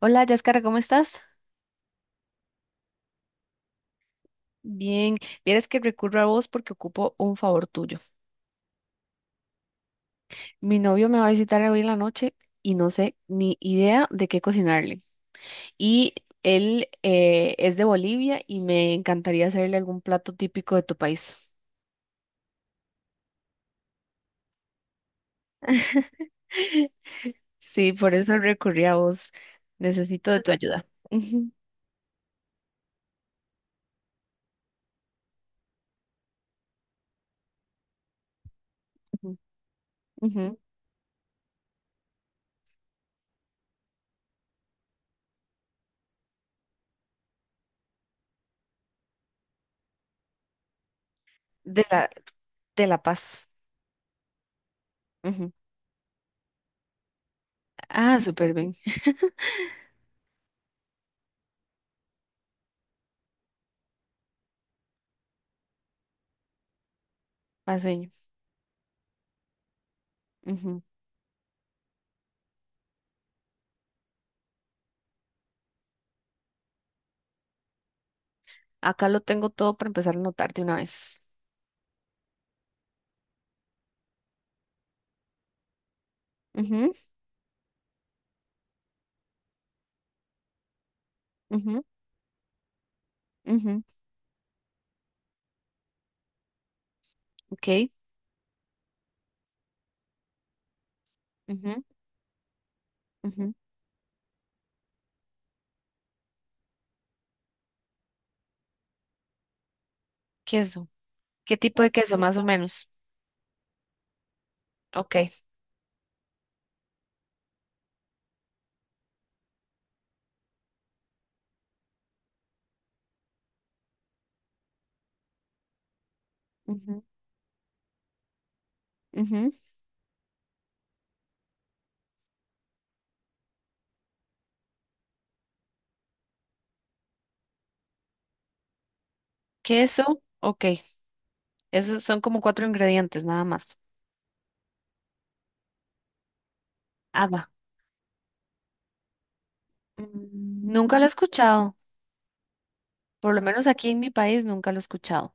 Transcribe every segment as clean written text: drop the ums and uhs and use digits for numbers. Hola, Yáscara, ¿cómo estás? Bien, vieras que recurro a vos porque ocupo un favor tuyo. Mi novio me va a visitar hoy en la noche y no sé ni idea de qué cocinarle. Y él es de Bolivia y me encantaría hacerle algún plato típico de tu país. Sí, por eso recurrí a vos. Necesito de tu ayuda. Ujú, ujú, ujú. De la, de La Paz. Ujú. Ah, súper bien. Paseño. Ujú. Acá lo tengo todo para empezar a anotar de una vez. Ujú, ujú, ok, ujú, ujú. Queso. ¿Qué tipo de queso, más o menos? Ok. Ujú, ujú. Queso, ok. Esos son como cuatro ingredientes, nada más. Haba. Mm, nunca lo he escuchado. Por lo menos aquí en mi país nunca lo he escuchado.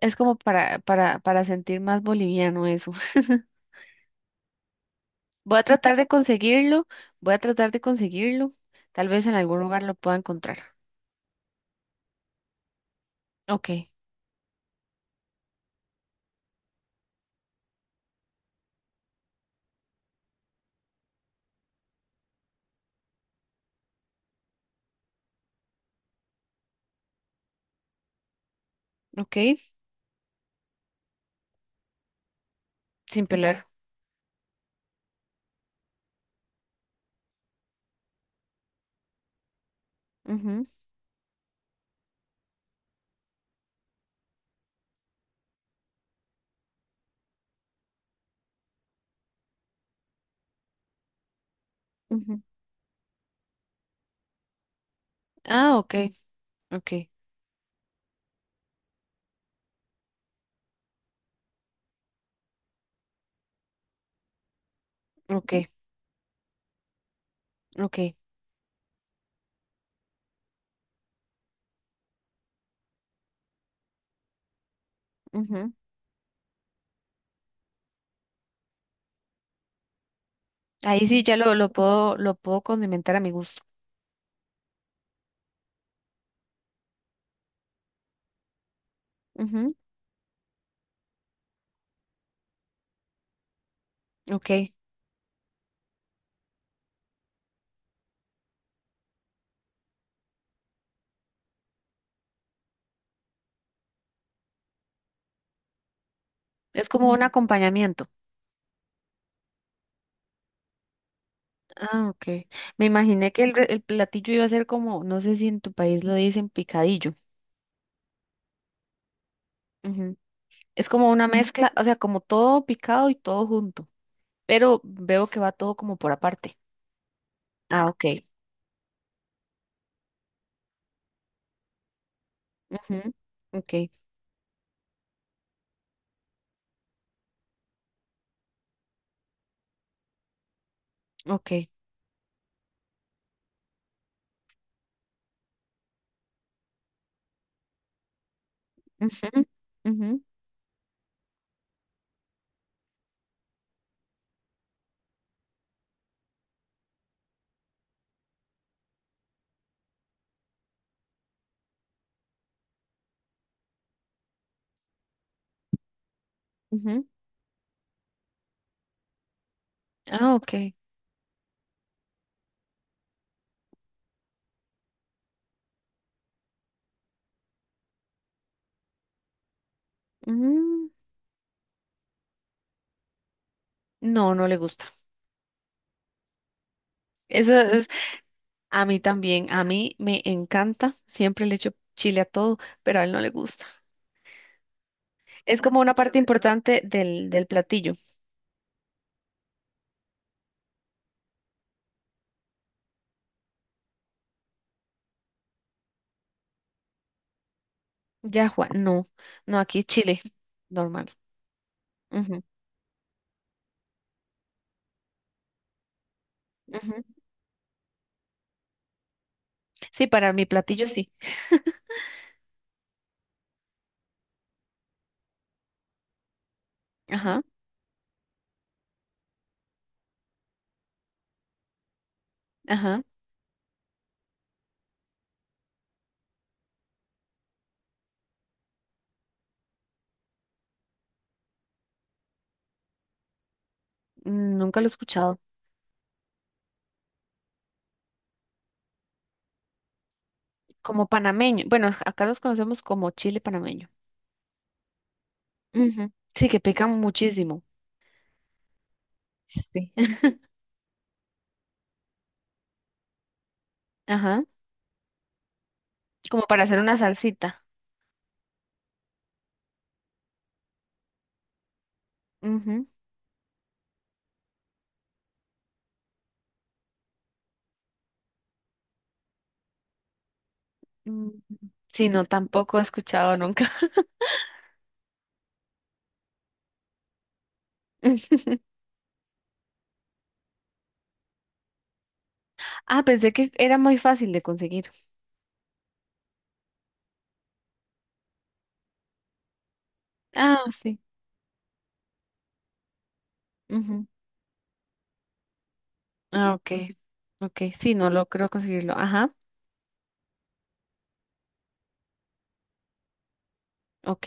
Es como para sentir más boliviano eso. Voy a tratar de conseguirlo. Voy a tratar de conseguirlo. Tal vez en algún lugar lo pueda encontrar. Ok, ok. Sin pelar. Ujú, ujú. Ah, ok, ok. Ok, ok. Ujú. Ahí sí ya lo puedo, lo puedo condimentar a mi gusto. Ujú, ok. Es como un acompañamiento. Ah, ok. Me imaginé que el, re- el platillo iba a ser como, no sé si en tu país lo dicen picadillo. Ujú. Es como una mezcla, o sea, como todo picado y todo junto, pero veo que va todo como por aparte. Ah, ok. Ujú, ok, ok. Ujú, ujú, ujú. Ah, ok. Mm, no, no le gusta. Eso a mí también, a mí me encanta, siempre le echo chile a todo, pero a él no le gusta. Es como una parte importante del, del platillo. Ya, Juan, no, no, aquí es chile, normal. Ujú, ujú. Sí, para mi platillo sí. Ajá, ajá, nunca lo he escuchado. Como panameño, bueno, acá los conocemos como chile panameño. Ujú, sí, que pican muchísimo. Sí. Ajá, como para hacer una salsita. Ujú, mm, sí, no, tampoco he escuchado nunca. Ah, pensé que era muy fácil de conseguir. Ah, sí. Ujú. Ah, ok. Ok, sí, no logró conseguirlo. Ajá, ok.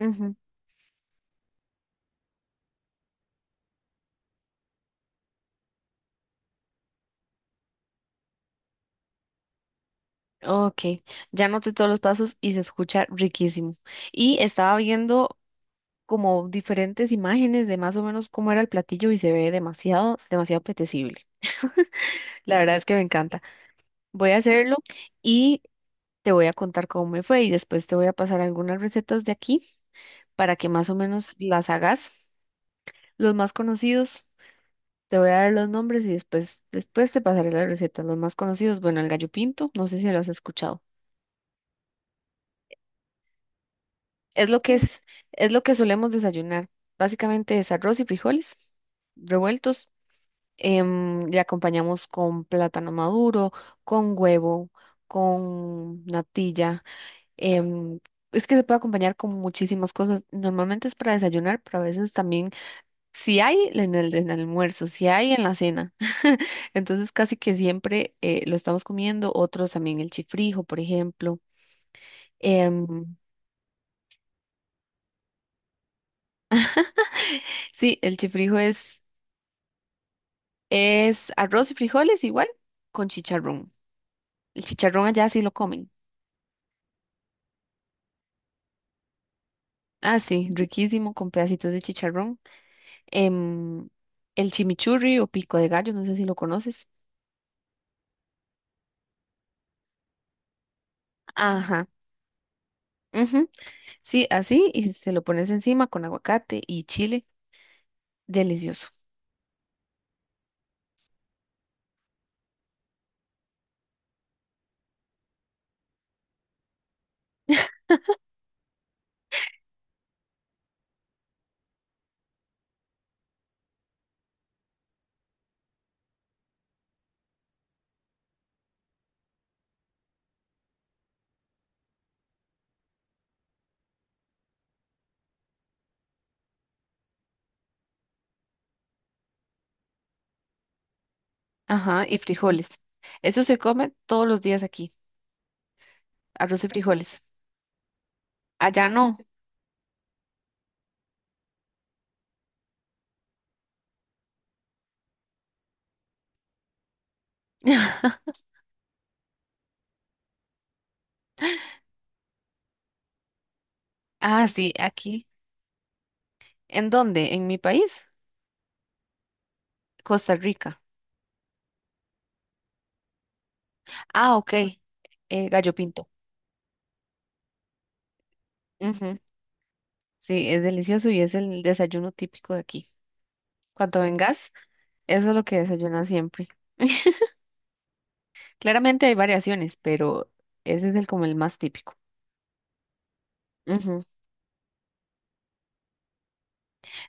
Ujú. Ok, ya noté todos los pasos y se escucha riquísimo. Y estaba viendo como diferentes imágenes de más o menos cómo era el platillo y se ve demasiado, demasiado apetecible. La verdad es que me encanta. Voy a hacerlo y te voy a contar cómo me fue y después te voy a pasar algunas recetas de aquí para que más o menos las hagas, los más conocidos. Te voy a dar los nombres y después, después te pasaré las recetas, los más conocidos. Bueno, el gallo pinto, no sé si lo has escuchado. Es lo que mm, es lo que solemos desayunar. Básicamente es arroz y frijoles revueltos. Em, le acompañamos con plátano maduro, con huevo, con natilla. Em, es que se puede acompañar con muchísimas cosas. Normalmente es para desayunar, pero a veces también si hay en el almuerzo, si hay en la cena. Entonces casi que siempre lo estamos comiendo. Otros también el chifrijo, por ejemplo. Em, sí, el chifrijo es arroz y frijoles igual con chicharrón. El chicharrón allá sí lo comen. Ah, sí, riquísimo con pedacitos de chicharrón. Em, el chimichurri o pico de gallo, no sé si lo conoces. Ajá. Ujú, sí, así y se lo pones encima con aguacate y chile. Delicioso. Ajá, y frijoles. Eso se come todos los días aquí, arroz y frijoles. Allá no. Ah, sí, aquí. ¿En dónde? ¿En mi país? Costa Rica. Ah, ok. Gallo pinto. Ujú. Sí, es delicioso y es el desayuno típico de aquí. Cuando vengas, eso es lo que desayunas siempre. Claramente hay variaciones, pero ese es el como el más típico. Ujú.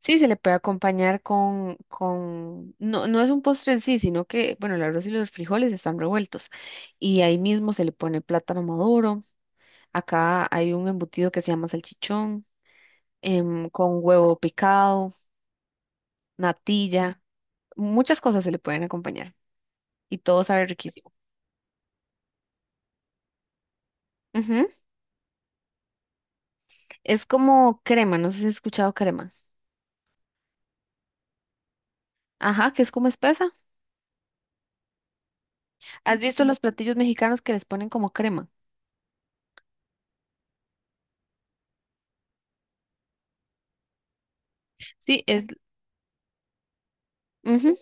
Sí, se le puede acompañar con, no, no es un postre en sí, sino que, bueno, el arroz y los frijoles están revueltos y ahí mismo se le pone plátano maduro. Acá hay un embutido que se llama salchichón, em, con huevo picado, natilla, muchas cosas se le pueden acompañar y todo sabe riquísimo. Ujú. Es como crema, no sé si has escuchado crema. Ajá, que es como espesa. ¿Has visto los platillos mexicanos que les ponen como crema? Sí, es, ujú,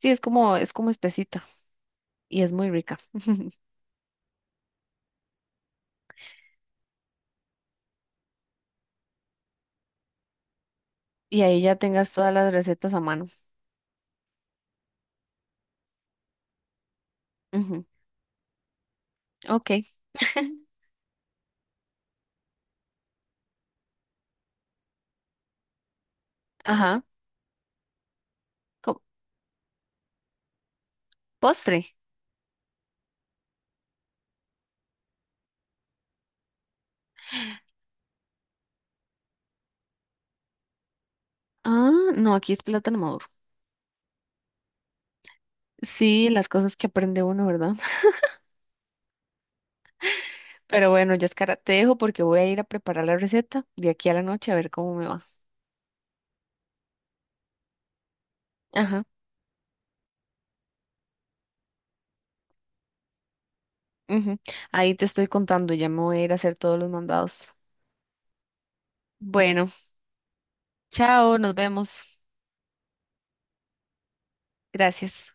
sí, es como espesita y es muy rica. Y ahí ya tengas todas las recetas a mano. Ujú, ok, ajá. Co- postre. Ah, no, aquí es plátano maduro. Sí, las cosas que aprende uno, ¿verdad? Pero bueno, Yaskara, te dejo porque voy a ir a preparar la receta de aquí a la noche a ver cómo me va. Ajá. Ujú. Ahí te estoy contando, ya me voy a ir a hacer todos los mandados. Bueno, chao, nos vemos. Gracias.